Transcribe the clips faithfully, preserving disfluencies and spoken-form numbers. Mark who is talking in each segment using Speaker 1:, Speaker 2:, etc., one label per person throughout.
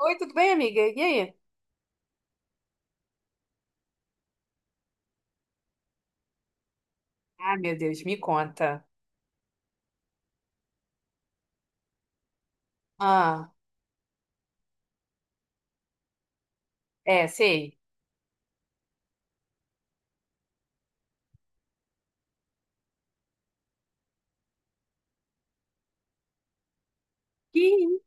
Speaker 1: Oi, tudo bem, amiga? E aí? Ah, meu Deus, me conta. Ah, é, sei. Ih,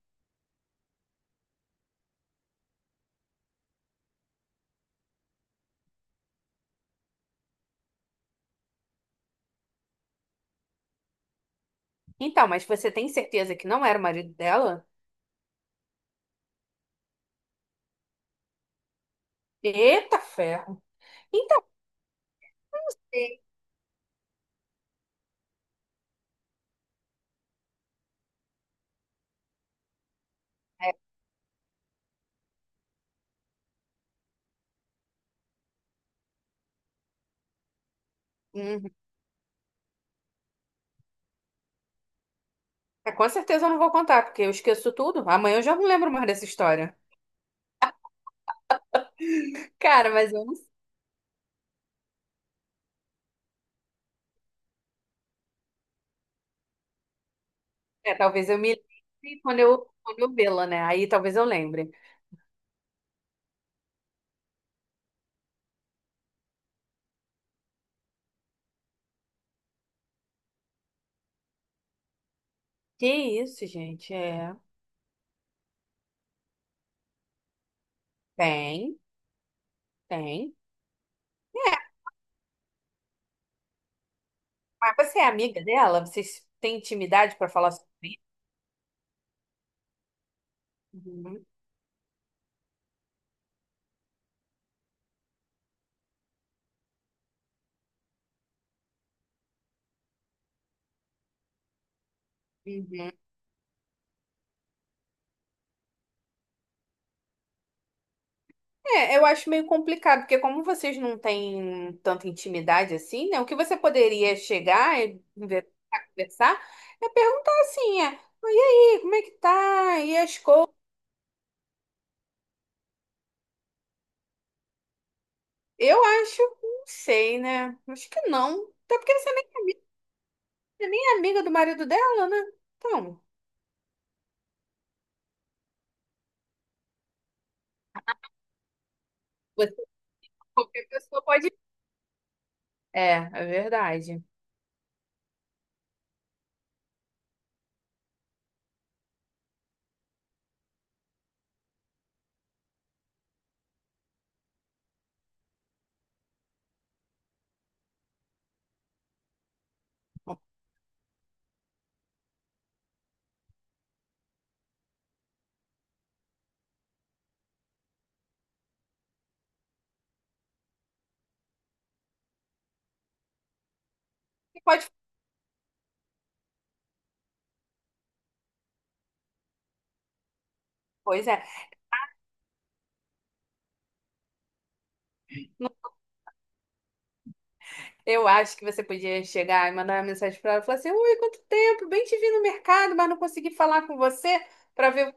Speaker 1: então, mas você tem certeza que não era o marido dela? Eita ferro. Então, é, uhum. É, com certeza eu não vou contar, porque eu esqueço tudo. Amanhã eu já não lembro mais dessa história. Cara, mas eu não sei. É, talvez eu me lembre quando eu, quando eu vê-la, né? Aí talvez eu lembre. Que isso, gente? É. Tem, tem. É, mas você é amiga dela? Vocês têm intimidade pra falar sobre isso? Uhum. Uhum. É, eu acho meio complicado, porque como vocês não têm tanta intimidade assim, né? O que você poderia chegar e conver- conversar é perguntar assim, é, "Ah, e aí, como é que tá? E as coisas? Eu acho, não sei, né? Acho que não. Até porque você nem, você nem é amiga do marido dela, né? Então, você, qualquer pessoa pode. É, é verdade. Você pode. Pois é. Eu acho que você podia chegar e mandar uma mensagem para ela e falar assim: Ui, quanto tempo, bem te vi no mercado, mas não consegui falar com você para ver,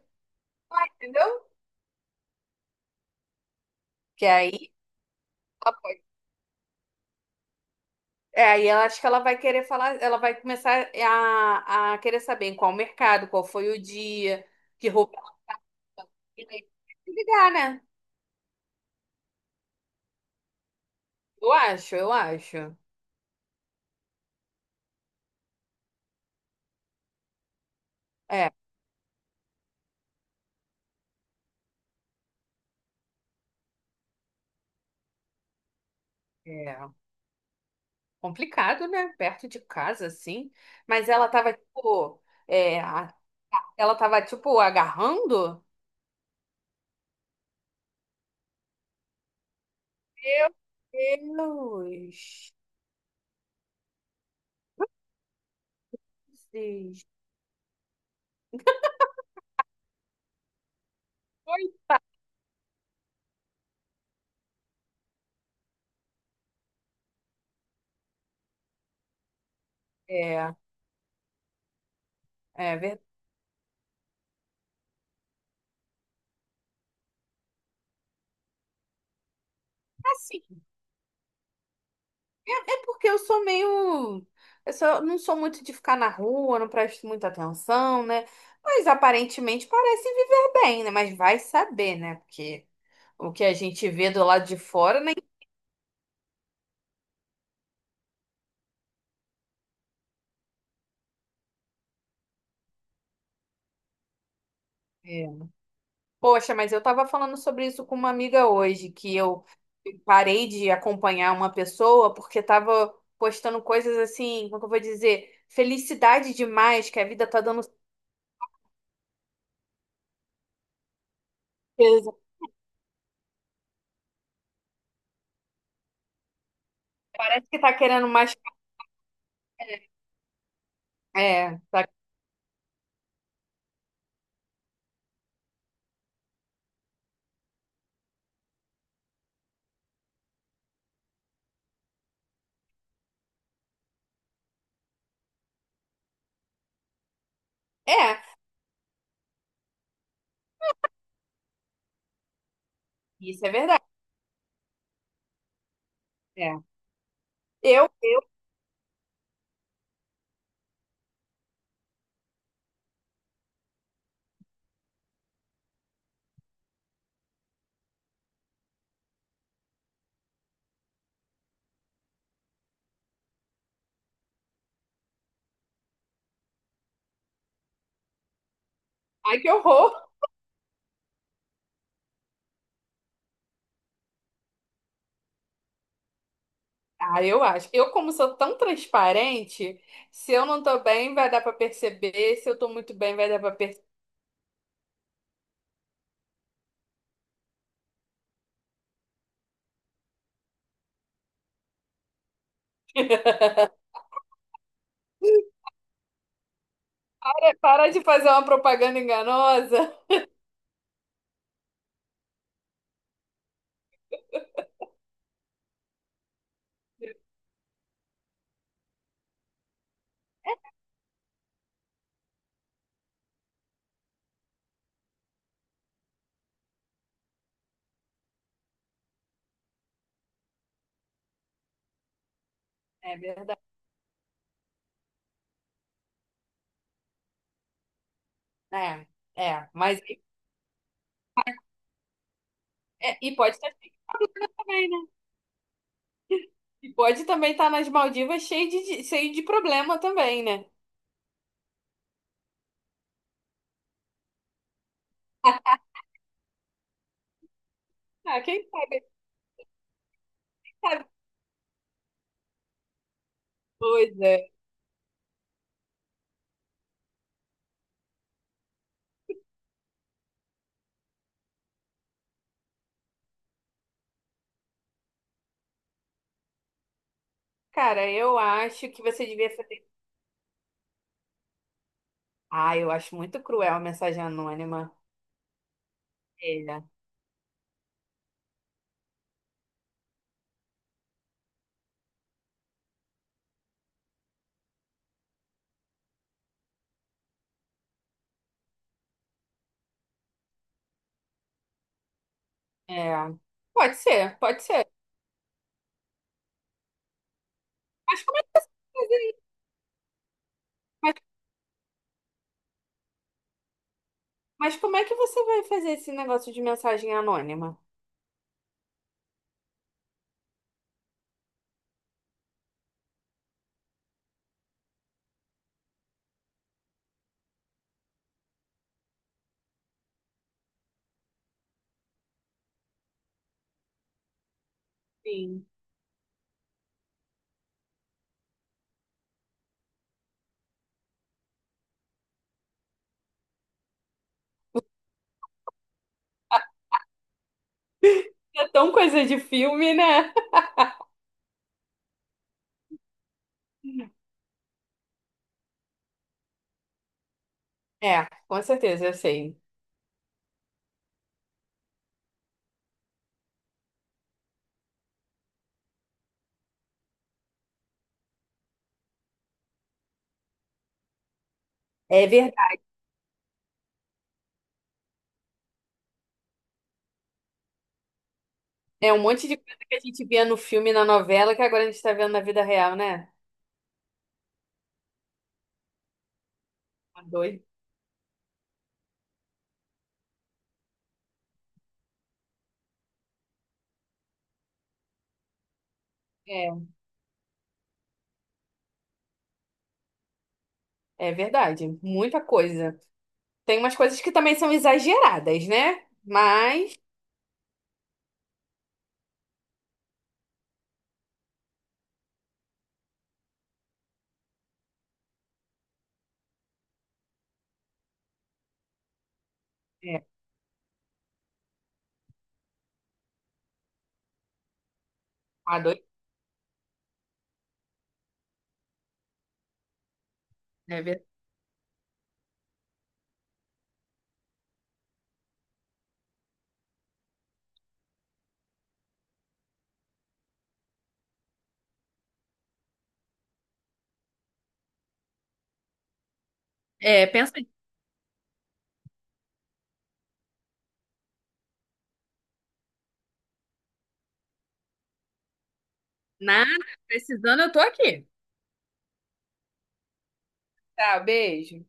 Speaker 1: entendeu? Que aí, ela pode- é, aí ela acho que ela vai querer falar, ela vai começar a, a querer saber em qual mercado, qual foi o dia, que roupa. E aí, ligar, né? Eu acho, eu acho. É, é complicado, né? Perto de casa, assim. Mas ela tava, tipo, é, a- ela tava, tipo, agarrando. Meu Deus. Sim. É, é verdade. Assim, é, é porque eu sou meio. Eu sou- não sou muito de ficar na rua, não presto muita atenção, né? Mas aparentemente parecem viver bem, né? Mas vai saber, né? Porque o que a gente vê do lado de fora, né? Poxa, mas eu estava falando sobre isso com uma amiga hoje, que eu parei de acompanhar uma pessoa porque estava postando coisas assim, como que eu vou dizer? Felicidade demais, que a vida tá dando certeza. Parece que tá querendo mais. É, é, tá- é, isso é verdade. É. Eu, eu, ai que horror. Ah, eu acho. Eu, como sou tão transparente, se eu não tô bem, vai dar pra perceber. Se eu tô muito bem, vai dar pra perceber. Para de fazer uma propaganda enganosa. É verdade. É, é, mas é, e pode estar assim também, né? E pode também estar nas Maldivas cheio de, de- cheio de problema também, né? Ah, quem sabe? Pois é. Cara, eu acho que você devia fazer. Ah, eu acho muito cruel a mensagem anônima. É, é. Pode ser, pode ser. Mas como é que você vai fazer isso? Mas, mas como é que você vai fazer esse negócio de mensagem anônima? Sim. É tão coisa de filme, né? É, com certeza, eu sei. É verdade. É um monte de coisa que a gente via no filme, e na novela, que agora a gente está vendo na vida real, né? Tá doido. É, é verdade. Muita coisa. Tem umas coisas que também são exageradas, né? Mas. É, tá doido. É, ver- é, pensa aí. Nada, precisando, eu tô aqui. Tá, beijo.